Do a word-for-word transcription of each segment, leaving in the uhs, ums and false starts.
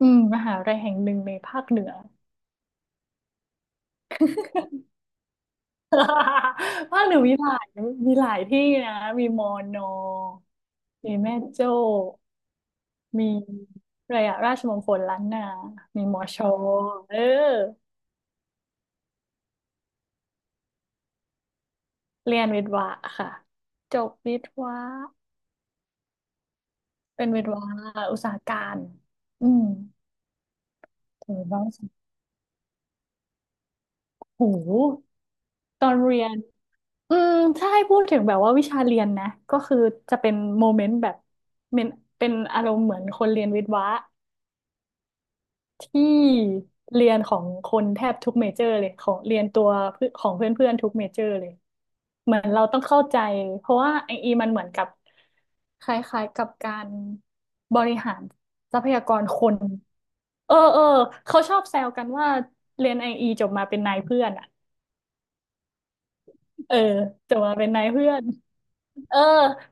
อืมมหาวิทยาลัยแห่งหนึ่งในภาคเหนือ ภาคเหนือมีหลายมีหลายที่นะมีมอนอมีแม่โจ้มีอะไรอะราชมงคลล้านนามีมอชอเออเรียนวิทวะค่ะจบวิทวะเป็นวิทวะอุตสาหการอืมถือว่าโหตอนเรียนอืมถ้าให้พูดถึงแบบว่าวิชาเรียนนะ ก็คือจะเป็นโมเมนต์แบบเป็นเป็นอารมณ์เหมือนคนเรียนวิทย์วะ ที่เรียนของคนแทบทุกเมเจอร์เลยของเรียนตัวเพื่อนของเพื่อนๆทุกเมเจอร์เลยเหมือนเราต้องเข้าใจเพราะว่าไออีมันเหมือนกับคล้ายๆกับการบริหารทรัพยากรคนเออเออเขาชอบแซวกันว่าเรียนไออีจบมาเป็นนายเพื่อนอ่ะเออจบมาเป็นนายเพื่อนเออ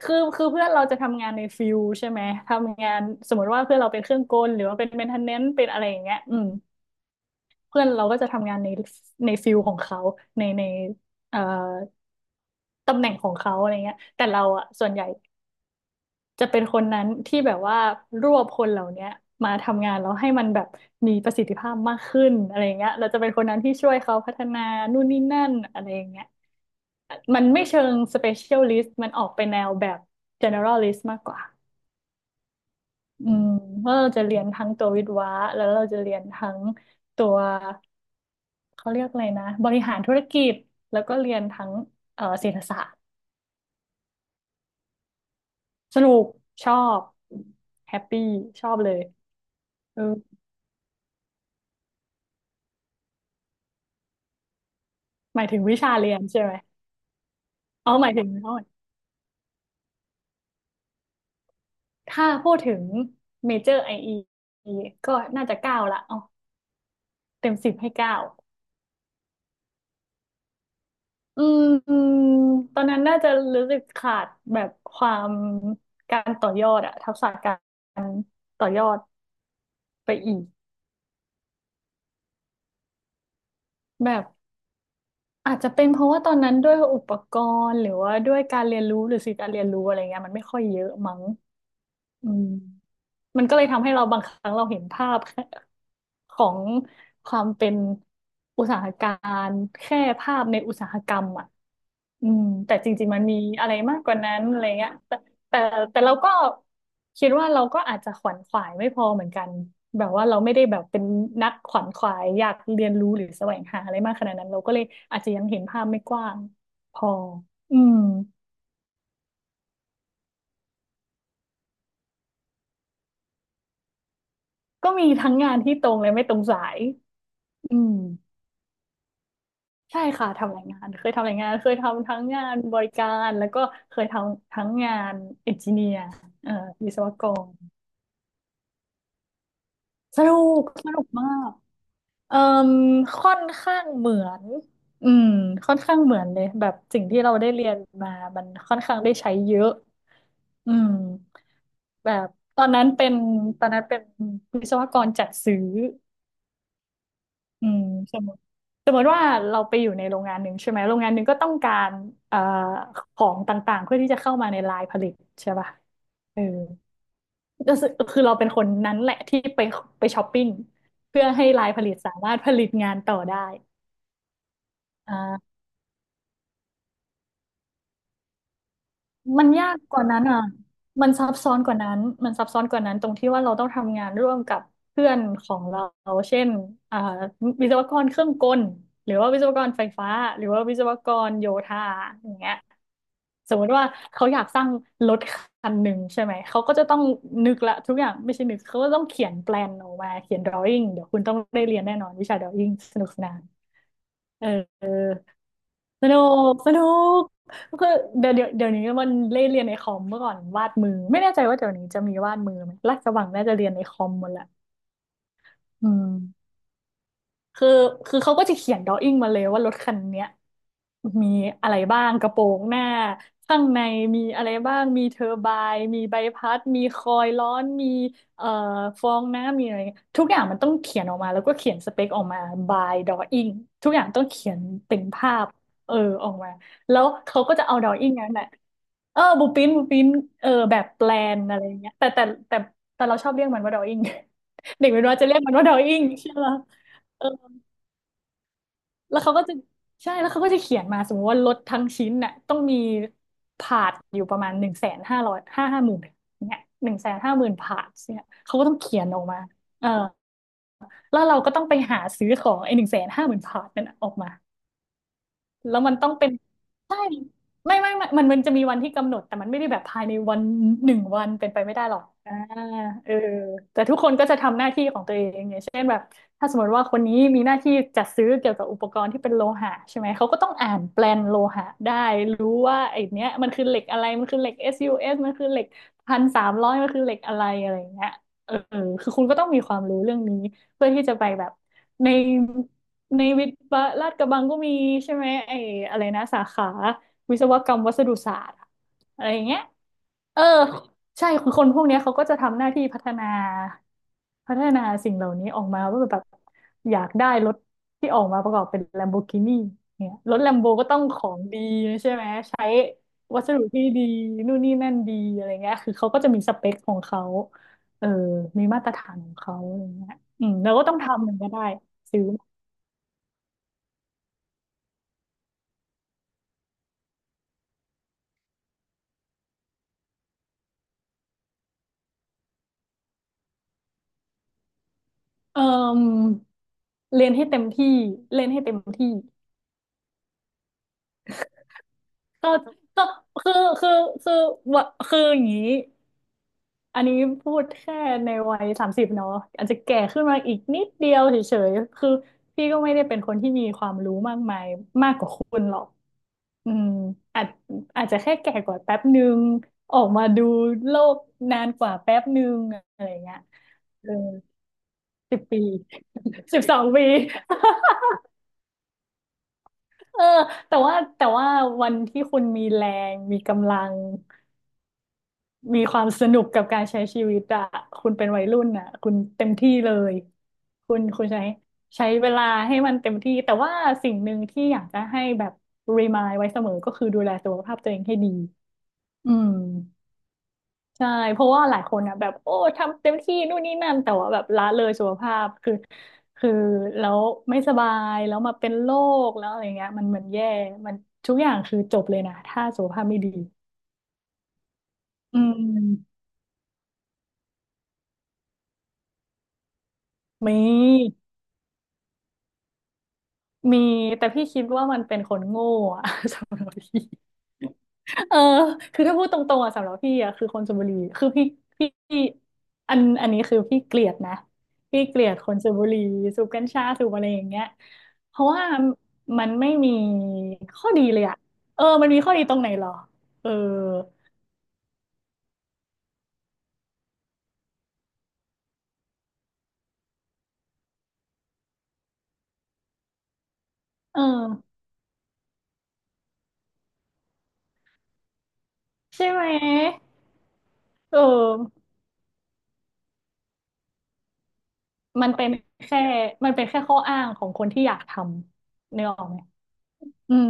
คือคือเพื่อนเราจะทำงานในฟิลใช่ไหมทำงานสมมติว่าเพื่อนเราเป็นเครื่องกลหรือว่าเป็นเมนเทนเนนซ์เป็นอะไรอย่างเงี้ยอืม เพื่อนเราก็จะทำงานในในฟิลของเขาในในเอ่อตำแหน่งของเขาอะไรเงี้ยแต่เราอ่ะส่วนใหญ่จะเป็นคนนั้นที่แบบว่ารวบคนเหล่าเนี้ยมาทำงานแล้วให้มันแบบมีประสิทธิภาพมากขึ้นอะไรเงี้ยเราจะเป็นคนนั้นที่ช่วยเขาพัฒนานู่นนี่นั่นอะไรอย่างเงี้ยมันไม่เชิง specialist มันออกไปแนวแบบ generalist มากกว่าอืมว่าเราจะเรียนทั้งตัววิศวะแล้วเราจะเรียนทั้งตัว เขาเรียกอะไรนะบริหารธุรกิจแล้วก็เรียนทั้งเอ่อเศรษฐศาสตร์สนุกชอบแฮปปี้ชอบเลยเออหมายถึงวิชาเรียนใช่ไหมเอาหมายถึงโทษถ้าพูดถึงเมเจอร์ไอก็น่าจะเก้าละเอาเต็มสิบให้เก้าอืมอืมตอนนั้นน่าจะรู้สึกขาดแบบความการต่อยอดอะทักษะการต่อยอดไปอีกแบบ อาจจะเป็นเพราะว่าตอนนั้นด้วยอุปกรณ์หรือว่าด้วยการเรียนรู้หรือสื่อการเรียนรู้อะไรเงี้ยมันไม่ค่อยเยอะมั้ง อืมมันก็เลยทำให้เราบางครั้งเราเห็นภาพแค่ของความเป็นอุตสาหการแค่ภาพในอุตสาหกรรมอ่ะอืม แต่จริงๆมันมีอะไรมากกว่านั้นอะไรเงี้ยแต่แต่แต่เราก็คิดว่าเราก็อาจจะขวนขวายไม่พอเหมือนกัน แบบว่าเราไม่ได้แบบเป็นนักขวนขวายอยากเรียนรู้หรือแสวงหาอะไรมากขนาดนั้นเราก็เลยอาจจะยังเห็นภาพไม่กว้างพออืมก็มีทั้งงานที่ตรงและไม่ตรงสายอืม ใช่ค่ะทำรายงานเคยทำรายงานเคยทำทั้งงานบริการแล้วก็เคยทำทั้งงานเอนจิเนียร์เอ่อวิศวกรสนุกสนุกมากเอ่มค่อนข้างเหมือนอืมค่อนข้างเหมือนเลยแบบสิ่งที่เราได้เรียนมามันค่อนข้างได้ใช้เยอะอืมแบบตอนนั้นเป็นตอนนั้นเป็นวิศวกรจัดซื้ออืม สมมติว่าเราไปอยู่ในโรงงานหนึ่งใช่ไหมโรงงานหนึ่งก็ต้องการเอ่อของต่างๆเพื่อที่จะเข้ามาในไลน์ผลิตใช่ป่ะเออก็คือคือเราเป็นคนนั้นแหละที่ไปไปช้อปปิ้งเพื่อให้ไลน์ผลิตสามารถผลิตงานต่อได้อ่า มันยากกว่านั้นอ่ะมันซับซ้อนกว่านั้นมันซับซ้อนกว่านั้นตรงที่ว่าเราต้องทำงานร่วมกับเพื่อนของเรา เช่นอ่าวิศวกรเครื่องกลหรือว่าวิศวกรไฟฟ้าหรือว่าวิศวกรโยธาอย่างเงี้ยสมมติว่าเขาอยากสร้างรถคันหนึ่งใช่ไหมเขาก็จะต้องนึกละทุกอย่างไม่ใช่นึกเขาก็ต้องเขียนแปลนออกมาเขียนดรอ i n g เดี๋ยวคุณต้องได้เรียนแน่นอนวิชาดรอ i n g สนุกสนาน เออเออสนุกสนุกคือเดี๋ยวเดี๋ยวเดี๋ยวนี้มันเล่นเรียนในคอมเมื่อก่อนวาดมือไม่แน่ใจว่าเดี๋ยวนี้จะมีวาดมือไหมลาดกระบังน่าจะเรียนในคอมหมดแหละอืม คือคือเขาก็จะเขียนดอ w ิ n งมาเลยว่ารถคันเนี้ยมีอะไรบ้างกระโปรงหน้าข้างในมีอะไรบ้างมีเทอร์ไบน์มีใบพัดมีคอยล์ร้อนมีเอ่อฟองน้ำมีอะไรเงี้ยทุกอย่างมันต้องเขียนออกมาแล้วก็เขียนสเปคออกมา by drawing ทุกอย่างต้องเขียนเป็นภาพเออออกมาแล้วเขาก็จะเอา drawing นั้นแหละเออบูปินบูปินเออแบบแปลนอะไรอย่างเงี้ยแต่แต่แต่แต่เราชอบเรียกมันว่า drawing เด็กเป็นว่าจะเรียกมันว่า drawing ใช่ไหม แล้วเขาก็จะใช่แล้วเขาก็จะเขียนมาสมมติว่ารถทั้งชิ้นน่ะต้องมีพาร์ทอยู่ประมาณหนึ่งแสนห้าร้อยห้าห้าหมื่นเนี่ยหนึ่งแสนห้าหมื่นพาร์ทเนี่ยเขาก็ต้องเขียนออกมาเออแล้วเราก็ต้องไปหาซื้อของไอ้หนึ่งแสนห้าหมื่นพาร์ทนั่นน่ะออกมา แล้วมันต้องเป็นใช่ไม่ไม่ไม่มันมันจะมีวันที่กำหนดแต่มันไม่ได้แบบภายในวันหนึ่งวันเป็นไปไม่ได้หรอกอ่าเออแต่ทุกคนก็จะทำหน้าที่ของตัวเองอย่างเช่นแบบถ้าสมมติว่าคนนี้มีหน้าที่จัดซื้อเกี่ยวกับอุปกรณ์ที่เป็นโลหะใช่ไหมเขาก็ต้องอ่านแปลนโลหะได้รู้ว่าไอ้เนี้ยมันคือเหล็กอะไรมันคือเหล็ก เอส ยู เอส มันคือเหล็กพันสามร้อยมันคือเหล็กอะไรอะไรอย่างเงี้ยเออคือคุณก็ต้องมีความรู้เรื่องนี้เพื่อที่จะไปแบบใน ในวิทย์วะลาดกระบังก็มีใช่ไหมไอ้อะไรนะสาขาวิศวกรรมวัสดุศาสตร์อะอะไรอย่างเงี้ยเออใช่คือคนพวกเนี้ยเขาก็จะทำหน้าที่พัฒนาพัฒนาสิ่งเหล่านี้ออกมาว่าแบบอยากได้รถที่ออกมาประกอบเป็นแลมโบกินีเนี่ยรถแลมโบก็ต้องของดีใช่ไหมใช้วัสดุที่ดีนู่นนี่นั่นดีอะไรเงี้ยคือเขาก็จะมีสเปคของเขาเออมีมาตรฐานของเขาอะไรเงี้ยอืมเราก็ต้องทำมันก็ได้ซื้อ เอ่อเรียนให้เต็มที่เล่นให้เต็มที่ก็ก็คือคือคือวะคืออย่างนี้อันนี้พูดแค่ในวัยสามสิบเนาะอาจจะแก่ขึ้นมาอีกนิดเดียวเฉยๆคือพี่ก็ไม่ได้เป็นคนที่มีความรู้มากมายมากกว่าคุณหรอกอืมอาจอาจจะแค่แก่กว่าแป๊บนึงออกมาดูโลกนานกว่าแป๊บนึงอะไรเงี้ยเออสิบปีสิบสองปี เออแต่ว่าแต่ว่าวันที่คุณมีแรงมีกำลังมีความสนุกกับการใช้ชีวิตอะคุณเป็นวัยรุ่นอะคุณเต็มที่เลยคุณคุณใช้ใช้เวลาให้มันเต็มที่แต่ว่าสิ่งหนึ่งที่อยากจะให้แบบรีมายไว้เสมอก็คือดูแลสุขภาพตัวเองให้ดีอืม ใช่เพราะว่าหลายคนอ่ะแบบโอ้ทำเต็มที่นู่นนี่นั่นแต่ว่าแบบละเลยสุขภาพคือคือแล้วไม่สบายแล้วมาเป็นโรคแล้วอะไรเงี้ยมันเหมือนแย่มันทุกอย่างคือจบเลยนะถ้าสุขภาพไม่ดีอืมมีมีแต่พี่คิดว่ามันเป็นคนโง่อะ สำหรับพี่ เออคือถ้าพูดตรงๆอ่ะสำหรับพี่อ่ะคือคนชลบุรีคือพี่พี่พี่อันอันนี้คือพี่เกลียดนะพี่เกลียดคนชลบุรีสูบกัญชาสูบอะไรอย่างเงี้ยเพราะว่ามันไม่มีข้อดีเลยอ่ะเออมันมีข้อดีตรงไหนหรอเออเออใช่ไหมเออมันเป็นแค่มันเป็นแค่ข้ออ้างของคนที่อยากทำเนื้อออกไหมอืม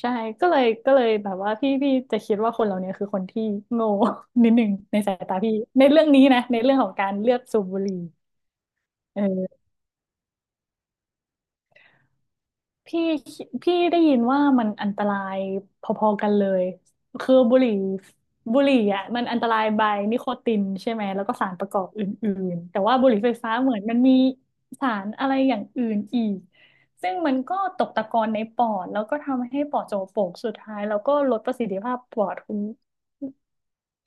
ใช่ก็เลยก็เลยแบบว่าพี่พี่จะคิดว่าคนเหล่านี้คือคนที่โง่ นิดหนึ่งในสายตาพี่ในเรื่องนี้นะในเรื่องของการเลือกสูบบุหรี่เออพี่พี่ได้ยินว่ามันอันตรายพอๆกันเลยคือบุหรี่บุหรี่อ่ะมันอันตรายบายนิโคตินใช่ไหมแล้วก็สารประกอบอื่นๆแต่ว่าบุหรี่ไฟฟ้าเหมือนมันมีสารอะไรอย่างอื่นอีกซึ่งมันก็ตกตะกอนในปอดแล้วก็ทำให้ปอดโจโปกสุดท้ายแล้วก็ลดประสิทธิภาพปอดคุณ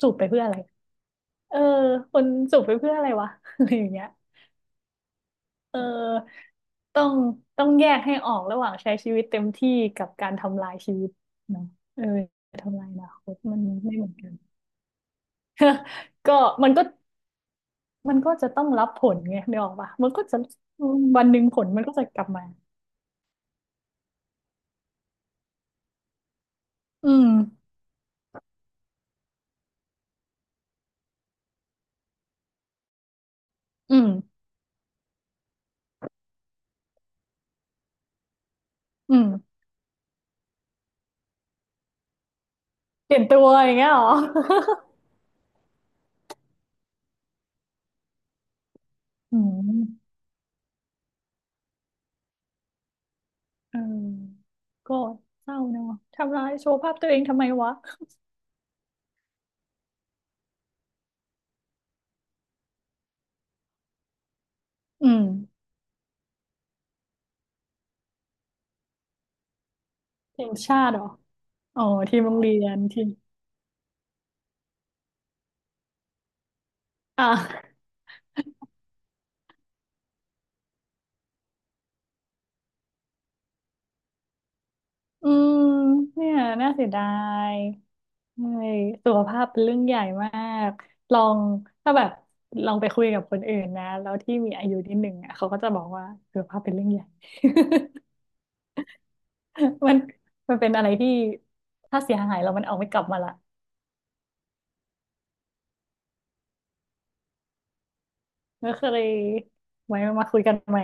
จูบไปเพื่ออะไรเออคนจูบไปเพื่ออะไรวะ อะไรอย่างเงี้ยเออต้องต้องแยกให้ออกระหว่างใช้ชีวิตเต็มที่กับการทำลายชีวิตเนาะเออทำลายอนาคตมันไม่เหมือนกันก็มันก็มันก็จะต้องรับผลไงนึกออกปะมันก็จะวันหนึ่งผลมันก็จะกลับมาอืมอืมอืมเปลี่ยนตัวอย่างเงี้ยเหรอ อืมเออก็เศร้าเนอะทำร้ายโชว์ภาพตัวเองทำไมวะอืมเพลงชาติเหรอ อ๋อทีมโรงเรียนทีมอ่ะอืมเนี่ยน่าเสียดายเมื่อยสุขภาพเป็นเรื่องใหญ่มากลองถ้าแบบลองไปคุยกับคนอื่นนะแล้วที่มีอายุนิดหนึ่งอ่ะเขาก็จะบอกว่าสุขภาพเป็นเรื่องใหญ่ มันมันเป็นอะไรที่ถ้าเสียหายเรามันเอาไม่กลับมาละก็เลยไว้มาคุยกันใหม่